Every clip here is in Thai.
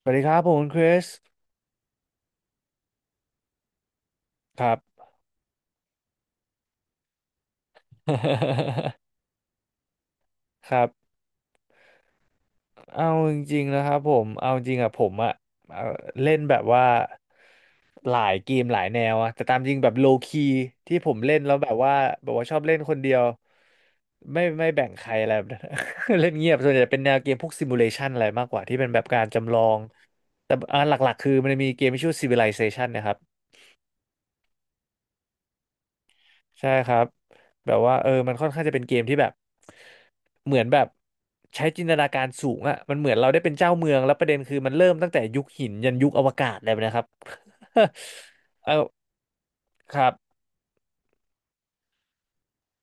สวัสดีครับผมคุณคริสครับ ครับเอาจริงๆนะครับผมเอาจริงอะผมอะเอ่อเล่นแบบว่าหลายเกมหลายแนวอะแต่ตามจริงแบบโลคีที่ผมเล่นแล้วแบบว่าชอบเล่นคนเดียวไม่แบ่งใครอะไรแบบ นั้น เล่นเงียบส่วนใหญ่เป็นแนวเกมพวกซิมูเลชันอะไรมากกว่าที่เป็นแบบการจำลองแต่หลักๆคือมันจะมีเกมที่ชื่อ Civilization นะครับ ใช่ครับแบบว่าเออมันค่อนข้างจะเป็นเกมที่แบบเหมือนแบบใช้จินตนาการสูงอะมันเหมือนเราได้เป็นเจ้าเมืองแล้วประเด็นคือมันเริ่มตั้งแต่ยุคหินยันยุคอวกาศเลยนะครับ เออครับ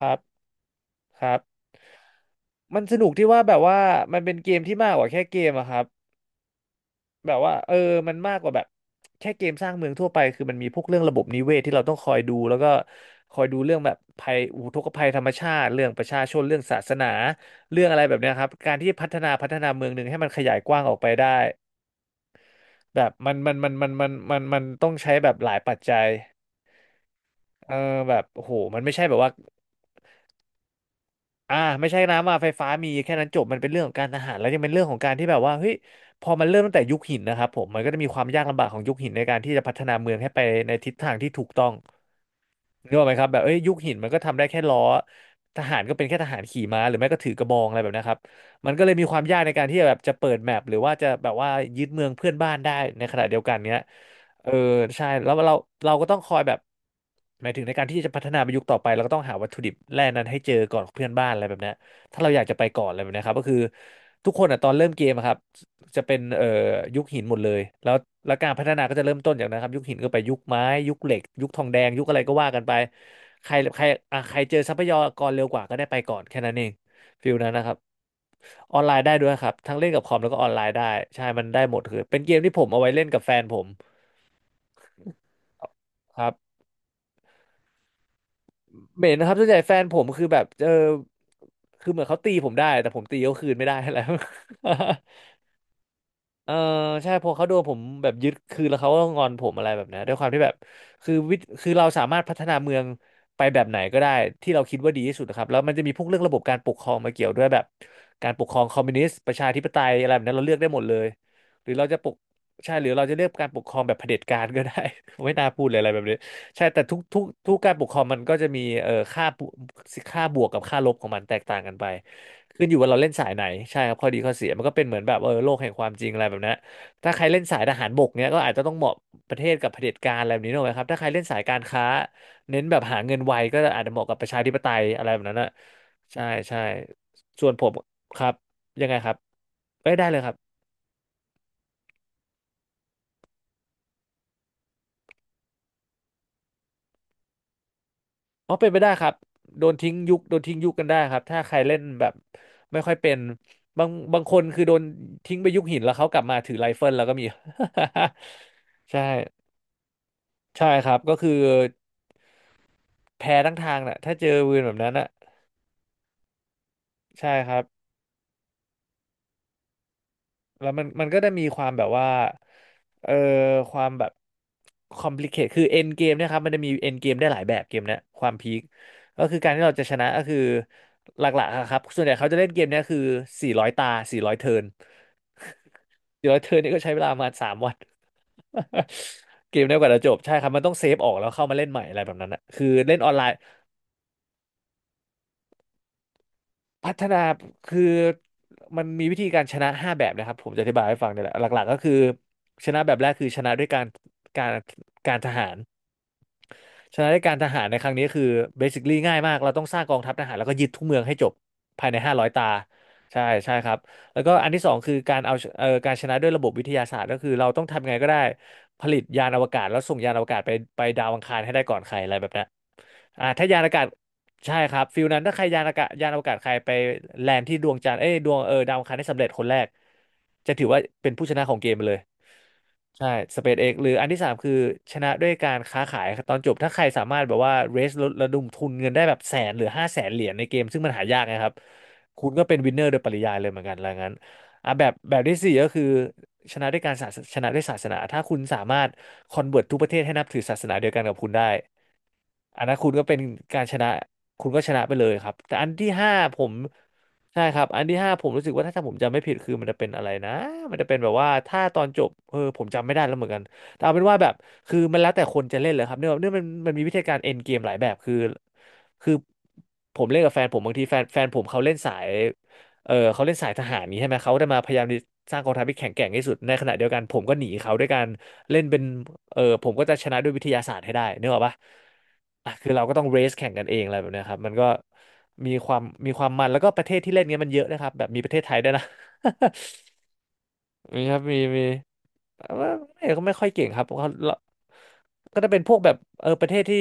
ครับครับมันสนุกที่ว่าแบบว่ามันเป็นเกมที่มากกว่าแค่เกมอะครับ แบบว่าเออมันมากกว่าแบบแค่เกมสร้างเมืองทั่วไปคือมันมีพวกเรื่องระบบนิเวศที่เราต้องคอยดูแล้วก็คอยดูเรื่องแบบภัยอุทกภัยธรรมชาติเรื่องประชาชนเรื่องศาสนาเรื่องอะไรแบบเนี้ยครับการที่พัฒนาเมืองหนึ่งให้มันขยายกว้างออกไปได้แบบมันต้องใช้แบบหลายปัจจัยเออแบบโอ้โหมันไม่ใช่แบบว่า อ่าไม่ใช่น้ำมาไฟฟ้ามีแค่นั้นจบมันเป็นเรื่องของการทหารแล้วยังเป็นเรื่องของการที่แบบว่าเฮ้ยพอมันเริ่มตั้งแต่ยุคหินนะครับผมมันก็จะมีความยากลำบากของยุคหินในการที่จะพัฒนาเมืองให้ไปในทิศทางที่ถูกต้องนึกออกไหมครับแบบเอ้ยยุคหินมันก็ทำได้แค่ล้อทหารก็เป็นแค่ทหารขี่ม้าหรือไม่ก็ถือกระบองอะไรแบบนะครับมันก็เลยมีความยากในการที่จะแบบจะเปิดแมปหรือว่าจะแบบว่ายึดเมืองเพื่อนบ้านได้ในขณะเดียวกันเนี้ยเออใช่แล้วเราก็ต้องคอยแบบหมายถึงในการที่จะพัฒนาไปยุคต่อไปเราก็ต้องหาวัตถุดิบแร่นั้นให้เจอก่อนเพื่อนบ้านอะไรแบบเนี้ย ถ้าเราอยากจะไปก่อนอะไรแบบเนี้ยครับก็คือทุกคนอ่ะตอนเริ่มเกมอะครับจะเป็นยุคหินหมดเลยแล้วแล้วการพัฒนาก็จะเริ่มต้นจากนั้นครับยุคหินก็ไปยุคไม้ยุคเหล็กยุคทองแดงยุคอะไรก็ว่ากันไปใครใครอ่ะใครเจอทรัพยากรเร็วกว่าก็ได้ไปก่อนแค่นั้นเองฟิลนั้นนะครับออนไลน์ได้ด้วยครับทั้งเล่นกับคอมแล้วก็ออนไลน์ได้ใช่มันได้หมดคือเป็นเกมที่ผมเอาไว้เล่นกับแฟนผมครับเหม็นนะครับส่วนใหญ่แฟนผมคือแบบเออคือเหมือนเขาตีผมได้แต่ผมตีเขาคืนไม่ได้อะไร เออใช่พอเขาโดนผมแบบยึดคือแล้วเขาก็งอนผมอะไรแบบเนี้ยด้วยความที่แบบคือเราสามารถพัฒนาเมืองไปแบบไหนก็ได้ที่เราคิดว่าดีที่สุดนะครับแล้วมันจะมีพวกเรื่องระบบการปกครองมาเกี่ยวด้วยแบบการปกครองคอมมิวนิสต์ประชาธิปไตยอะไรแบบนั้นเราเลือกได้หมดเลยหรือเราจะปกใช่หรือเราจะเลือกการปกครองแบบเผด็จการก็ได้ ไม่น่าพูดเลยอะไรแบบนี้ใช่แต่ทุกการปกครองมันก็จะมีค่าบวกกับค่าลบของมันแตกต่างกันไป ขึ้นอยู่ว่าเราเล่นสายไหนใช่ครับข้อดีข้อเสียมันก็เป็นเหมือนแบบเออโลกแห่งความจริงอะไรแบบนั้นถ้าใครเล่นสายทหารบกเนี้ยก็อาจจะต้องเหมาะประเทศกับเผด็จการอะไรแบบนี้หน่อยครับถ้าใครเล่นสายการค้าเน้นแบบหาเงินไวก็อาจจะเหมาะกับประชาธิปไตยอะไรแบบนั้นนะใช่ใช่ส่วนผมครับยังไงครับเอ้ยได้เลยครับอ๋อเป็นไปได้ครับโดนทิ้งยุคกันได้ครับถ้าใครเล่นแบบไม่ค่อยเป็นบางคนคือโดนทิ้งไปยุคหินแล้วเขากลับมาถือไรเฟิลแล้วก็มี ใช่ ใช่ครับก็คือแพ้ทั้งทางน่ะถ้าเจอวืนแบบนั้นน่ะใช่ครับแล้วมันก็ได้มีความแบบว่าเอ่อความแบบคอมพลีเคทคือเอ็นเกมเนี่ยครับมันจะมีเอ็นเกมได้หลายแบบเกมเนี้ยความพีคก็คือการที่เราจะชนะก็คือหลักๆอะครับส่วนใหญ่เขาจะเล่นเกมเนี้ยคือ400 ตาสี่ร้อยเทิร์นสี่ร้อยเทิร์นนี่ก็ใช้เวลาประมาณ3 วัน เกมเนี้ยกว่าจะจบใช่ครับมันต้องเซฟออกแล้วเข้ามาเล่นใหม่อะไรแบบนั้นนะคือเล่นออนไลน์ พัฒนาคือมันมีวิธีการชนะ5 แบบนะครับผมจะอธิบายให้ฟังเนี่ยแหละหลักๆก็คือชนะแบบแรกคือชนะด้วยการการทหารชนะด้วยการทหารในครั้งนี้คือเบสิค l ีง่ายมากเราต้องสร้างกองทัพทหารแล้วก็ยึดทุกเมืองให้จบภายใน500 ตาใช่ใช่ครับแล้วก็อันที่สองคือการเอาการชนะด้วยระบบวิทยาศาสตร์ก็คือเราต้องทำยังไงก็ได้ผลิตยานอวกาศแล้วส่งยานอวกาศไปดาวอังคารให้ได้ก่อนใครอะไรแบบนี้นอ่าถ้ายานอวกาศ ใช่ครับฟิลนั้นถ้าใครยานอากาศยานอวกาศใครไปแลนด์ที่ดวงจันทร์เอ้ยดวงเออดาวอังคารได้สำเร็จคนแรกจะถือว่าเป็นผู้ชนะของเกมไปเลยใช่ SpaceX หรืออันที่สามคือชนะด้วยการค้าขายตอนจบถ้าใครสามารถแบบว่า raise ระดมทุนเงินได้แบบแสนหรือ500,000 เหรียญในเกมซึ่งมันหายากนะครับคุณก็เป็นวินเนอร์โดยปริยายเลยเหมือนกันแล้วงั้นอ่ะแบบที่สี่ก็คือชนะด้วยศาสนาถ้าคุณสามารถคอนเวิร์ตทุกประเทศให้นับถือศาสนาเดียวกันกับคุณได้ อันนั้นคุณก็เป็นการชนะคุณก็ชนะไปเลยครับแต่อันที่ห้าผมใช่ครับอันที่ห้าผมรู้สึกว่าถ้าผมจำไม่ผิดคือมันจะเป็นอะไรนะมันจะเป็นแบบว่าถ้าตอนจบเออผมจำไม่ได้แล้วเหมือนกันแต่เอาเป็นว่าแบบคือมันแล้วแต่คนจะเล่นเลยครับเนื่องมันมีวิธีการเอ็นเกมหลายแบบคือผมเล่นกับแฟนผมบางทีแฟนผมเขาเล่นสายเออเขาเล่นสายทหารนี้ใช่ไหมเขาได้มาพยายามสร้างกองทัพที่แข็งแกร่งที่สุดในขณะเดียวกันผมก็หนีเขาด้วยกัน เล่นเป็น เออ ผมก็จะชนะด้วยวิทยาศาสตร์ให้ได้นึกออกปะอ่ะคือเราก็ต้องเรสแข่งกันเองอะไรแบบเนี้ยครับมันก็มีความมันแล้วก็ประเทศที่เล่นเงี้ยมันเยอะนะครับ แบบมีประเทศไทยด้วยนะ มีครับ มี มี ว่าไม่ก็ไม่ค่อยเก่งครับเขาก็จะเป็นพวกแบบเออประเทศที่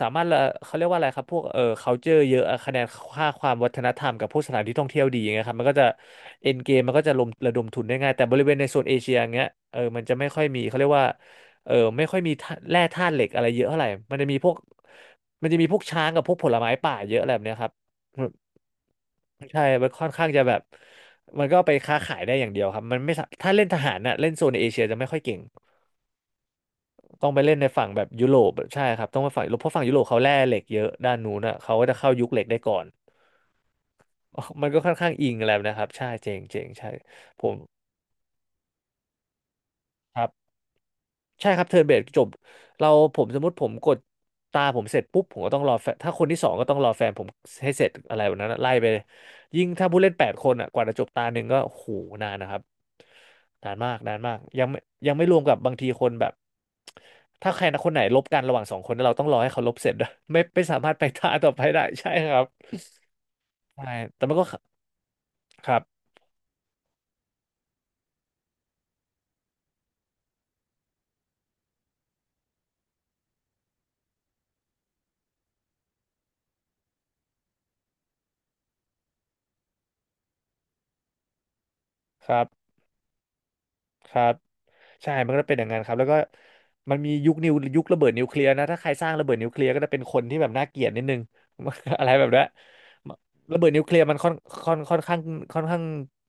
สามารถละเขาเรียกว่าอะไรครับพวกเออ culture เยอะอะคะแนนค่าความวัฒนธรรมกับพวกสถานที่ท่องเที่ยวดีอย่างเงี้ยครับมันก็จะ end game มันก็จะลมระดมทุนได้ง่ายแต่บริเวณในโซนเอเชียอย่างเงี้ยเออมันจะไม่ค่อยมีเขาเรียกว่าเออไม่ค่อยมีธาตุแร่ธาตุเหล็กอะไรเยอะเท่าไหร่มันจะมีพวกช้างกับพวกผลไม้ป่าเยอะอะไรแบบเนี้ยครับใช่มันค่อนข้างจะแบบมันก็ไปค้าขายได้อย่างเดียวครับมันไม่สาถ้าเล่นทหารน่ะเล่นโซนเอเชียจะไม่ค่อยเก่ง ต้องไปเล่นในฝั่งแบบยุโรปใช่ครับต้องไปฝั่งยุโรปเพราะฝั่งยุโรปเขาแร่เหล็กเยอะด้านนู้นอ่ะเขาก็จะเข้ายุคเหล็กได้ก่อน มันก็ค่อนข้างอิงอะไรนะครับใช่เจ๋งเจ๋งใช่ผมครับ ใช่ครับเทิร์นเบสจบเราผมสมมติผมกดตาผมเสร็จปุ๊บผมก็ต้องรอแฟนถ้าคนที่สองก็ต้องรอแฟนผมให้เสร็จอะไรแบบนั้นอะไล่ไปเลยยิ่งถ้าผู้เล่น8 คนอ่ะกว่าจะจบตาหนึ่งก็โูหนานนะครับนานมากนานมากยังไม่รวมกับบางทีคนแบบถ้าใครนะคนไหนลบกันระหว่าง2 คนแล้วเราต้องรอให้เขาลบเสร็จด้วย ไม่สามารถไปตาต่อไปได้ใช่ครับใช่แต่มันก็ครับครับ ครับใช่มันก็จะเป็นอย่างนั้นครับแล้วก็มันมียุคระเบิดนิวเคลียร์นะถ้าใครสร้างระเบิดนิวเคลียร์ก็จะเป็นคนที่แบบน่าเกลียดนิดนึง อะไรแบบนั้นระเบิดนิวเคลียร์มันค่อนค่อนข้างค่อนข้าง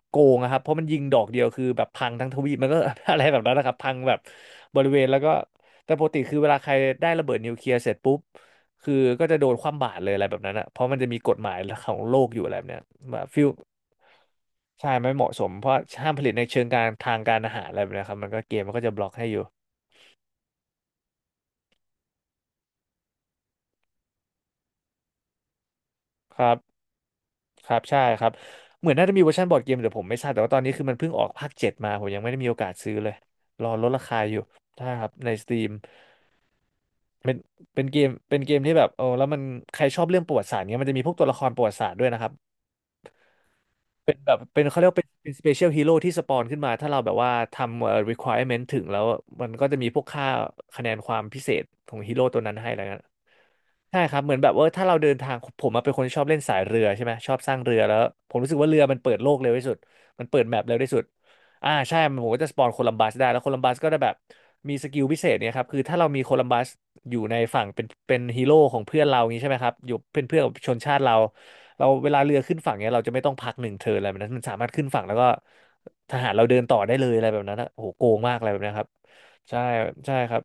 โกงอะครับเพราะมันยิงดอกเดียวคือแบบพังทั้งทวีปมันก็ อะไรแบบนั้นนะครับพังแบบบริเวณแล้วก็แต่ปกติคือเวลาใครได้ระเบิดนิวเคลียร์เสร็จปุ๊บ คือก็จะโดนคว่ำบาตรเลยอะไรแบบนั้นอะเพราะมันจะมีกฎหมายของโลกอยู่อะไรแบบเนี้ยแบบฟิลใช่ไม่เหมาะสม เพราะห้ามผลิตในเชิงการทางการอาหารอะไรแบบเนี้ยครับมันก็เกมมันก็จะบล็อกให้อยู่ครับครับใช่ครับเหมือนน่าจะมีเวอร์ชันบอร์ดเกมแต่ผมไม่ทราบแต่ว่าตอนนี้คือมันเพิ่งออกภาคเจ็ดมาผมยังไม่ได้มีโอกาสซื้อเลย รอลดราคาอยู่ใช่ครับในสตรีมเป็นเป็นเกมเป็นเกมที่แบบเออแล้วมันใครชอบเรื่องประวัติศาสตร์เนี้ยมันจะมีพวกตัวละครประวัติศาสตร์ด้วยนะครับ เป็นแบบเป็นเขาเรียกว่าเป็น special hero ที่สปอนขึ้นมาถ้าเราแบบว่าทำrequirement ถึงแล้วมันก็จะมีพวกค่าคะแนนความพิเศษของฮีโร่ตัวนั้นให้อะไรเงี้ยใช่ครับเหมือนแบบว่าถ้าเราเดินทางผมมาเป็นคนชอบเล่นสายเรือใช่ไหมชอบสร้างเรือแล้วผมรู้สึกว่าเรือมันเปิดโลกเร็วที่สุดมันเปิดแมปเร็วที่สุด ใช่มันผมก็จะสปอนโคลัมบัสได้แล้วโคลัมบัสก็ได้แบบมีสกิลพิเศษเนี่ยครับคือถ้าเรามีโคลัมบัสอยู่ในฝั่งเป็นฮีโร่ของเพื่อนเราอย่างนี้ใช่ไหมครับอยู่เป็นเพื่อนกับชนชาติเราเราเวลาเรือขึ้นฝั่งเนี่ยเราจะไม่ต้องพักหนึ่งเทิร์นอะไรแบบนั้นมันสามารถขึ้นฝั่งแล้วก็ทหารเราเดินต่อได้เลยอะไรแบบนั้นนะโอ้โหโกงมากอะไรแบบนี้ครับใช่ใช่ครับ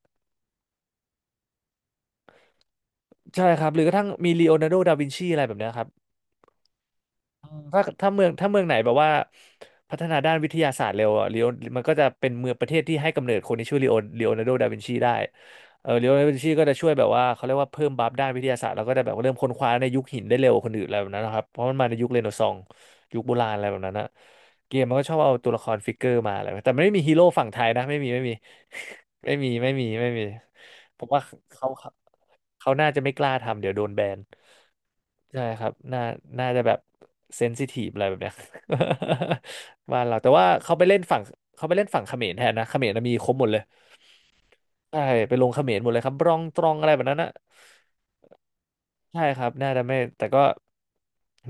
ใช่ครับหรือกระทั่งมีลีโอนาร์โดดาวินชีอะไรแบบเนี้ยครับ ถ้าเมืองเมืองไหนแบบว่าพัฒนาด้านวิทยาศาสตร์เร็วอะลีโอมันก็จะเป็นเมืองประเทศที่ให้กำเนิดคนที่ชื่อลีโอนาร์โดดาวินชีได้เออลีโอนาร์โดดาวินชีก็จะช่วยแบบว่าเขาเรียกว่าเพิ่มบัฟด้านวิทยาศาสตร์แล้วก็จะแบบเริ่มค้นคว้าในยุคหินได้เร็วกว่าคนอื่นอะไรแบบนั้นนะครับเพราะมันมาในยุคเรเนซองส์ยุคโบราณอะไรแบบนั้นนะ เกมมันก็ชอบเอาตัวละครฟิกเกอร์มาอะไรแต่ไม่มีฮีโร่ฝั่งไทยนะ ไม่มี ไม่มีไม่มีไม่มีผมว่าเขาเขาน่าจะไม่กล้าทำเดี๋ยวโดนแบนใช่ครับน่าจะแบบเซนซิทีฟอะไรแบบเนี้ย บ้านเราแต่ว่าเขาไปเล่นฝั่งเขาไปเล่นฝั่งเขมรแทนนะเขมรน่ะมีครบหมดเลยใช่ไปลงเขมรหมดเลยครับบรองตรองอะไรแบบนั้นนะ ใช่ครับน่าจะไม่แต่ก็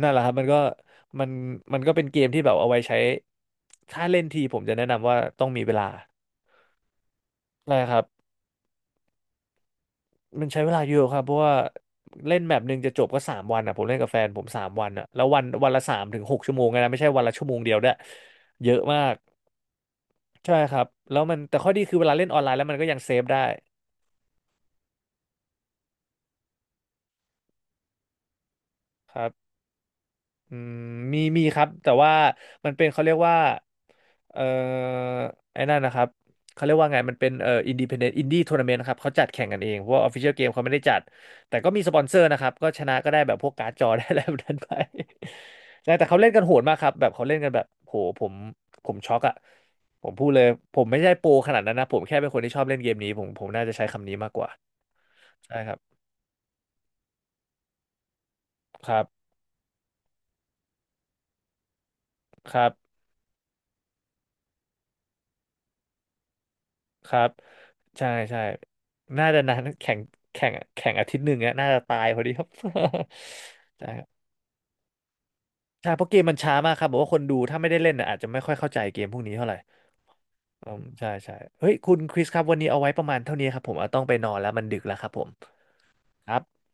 นั่นแหละครับมันก็มันก็เป็นเกมที่แบบเอาไว้ใช้ถ้าเล่นทีผมจะแนะนำว่าต้องมีเวลาใช่ครับมันใช้เวลาเยอะครับเพราะว่าเล่นแมปหนึ่งจะจบก็สามวันอ่ะผมเล่นกับแฟนผมสามวันอ่ะแล้ววันละสามถึงหกชั่วโมงไงนะไม่ใช่วันละชั่วโมงเดียวด้วยเยอะมากใช่ครับแล้วมันแต่ข้อดีคือเวลาเล่นออนไลน์แล้วมันก็ยังเซฟได้ครับ อืมมีครับแต่ว่ามันเป็นเขาเรียกว่าเอ่อไอ้นั่นนะครับเขาเรียกว่าไงมันเป็นอินดิเพนเดนต์อินดี้ทัวร์นาเมนต์ครับเขาจัดแข่งกันเองเพราะว่าออฟฟิเชียลเกมเขาไม่ได้จัดแต่ก็มีสปอนเซอร์นะครับก็ชนะก็ได้แบบพวกการ์ดจอ ได้อะไรแบบนั้นไป ใช่แต่เขาเล่นกันโหดมากครับแบบเขาเล่นกันแบบโหผมช็อกอะผมพูดเลยผมไม่ใช่โปรขนาดนั้นนะผมแค่เป็นคนที่ชอบเล่นเกมนี้ผมน่าจะใช้คำนี้มากกว่าใช่ครับครับครับ ครับ ใช่ใช่น่าจะนานแข่งแข่งอาทิตย์หนึ่งอะน่าจะตายพอดีครับ ใช่ครับใช่เพราะเกมมันช้ามากครับบอกว่าคนดูถ้าไม่ได้เล่นน่ะอาจจะไม่ค่อยเข้าใจเกมพวกนี้เท่าไหร่อืมใช่ใช่เฮ้ยคุณคริสครับวันนี้เอาไว้ประมาณเท่านี้ครับผมเอาต้องไปนอนแล้วมันดึกแล้วครับผมครับ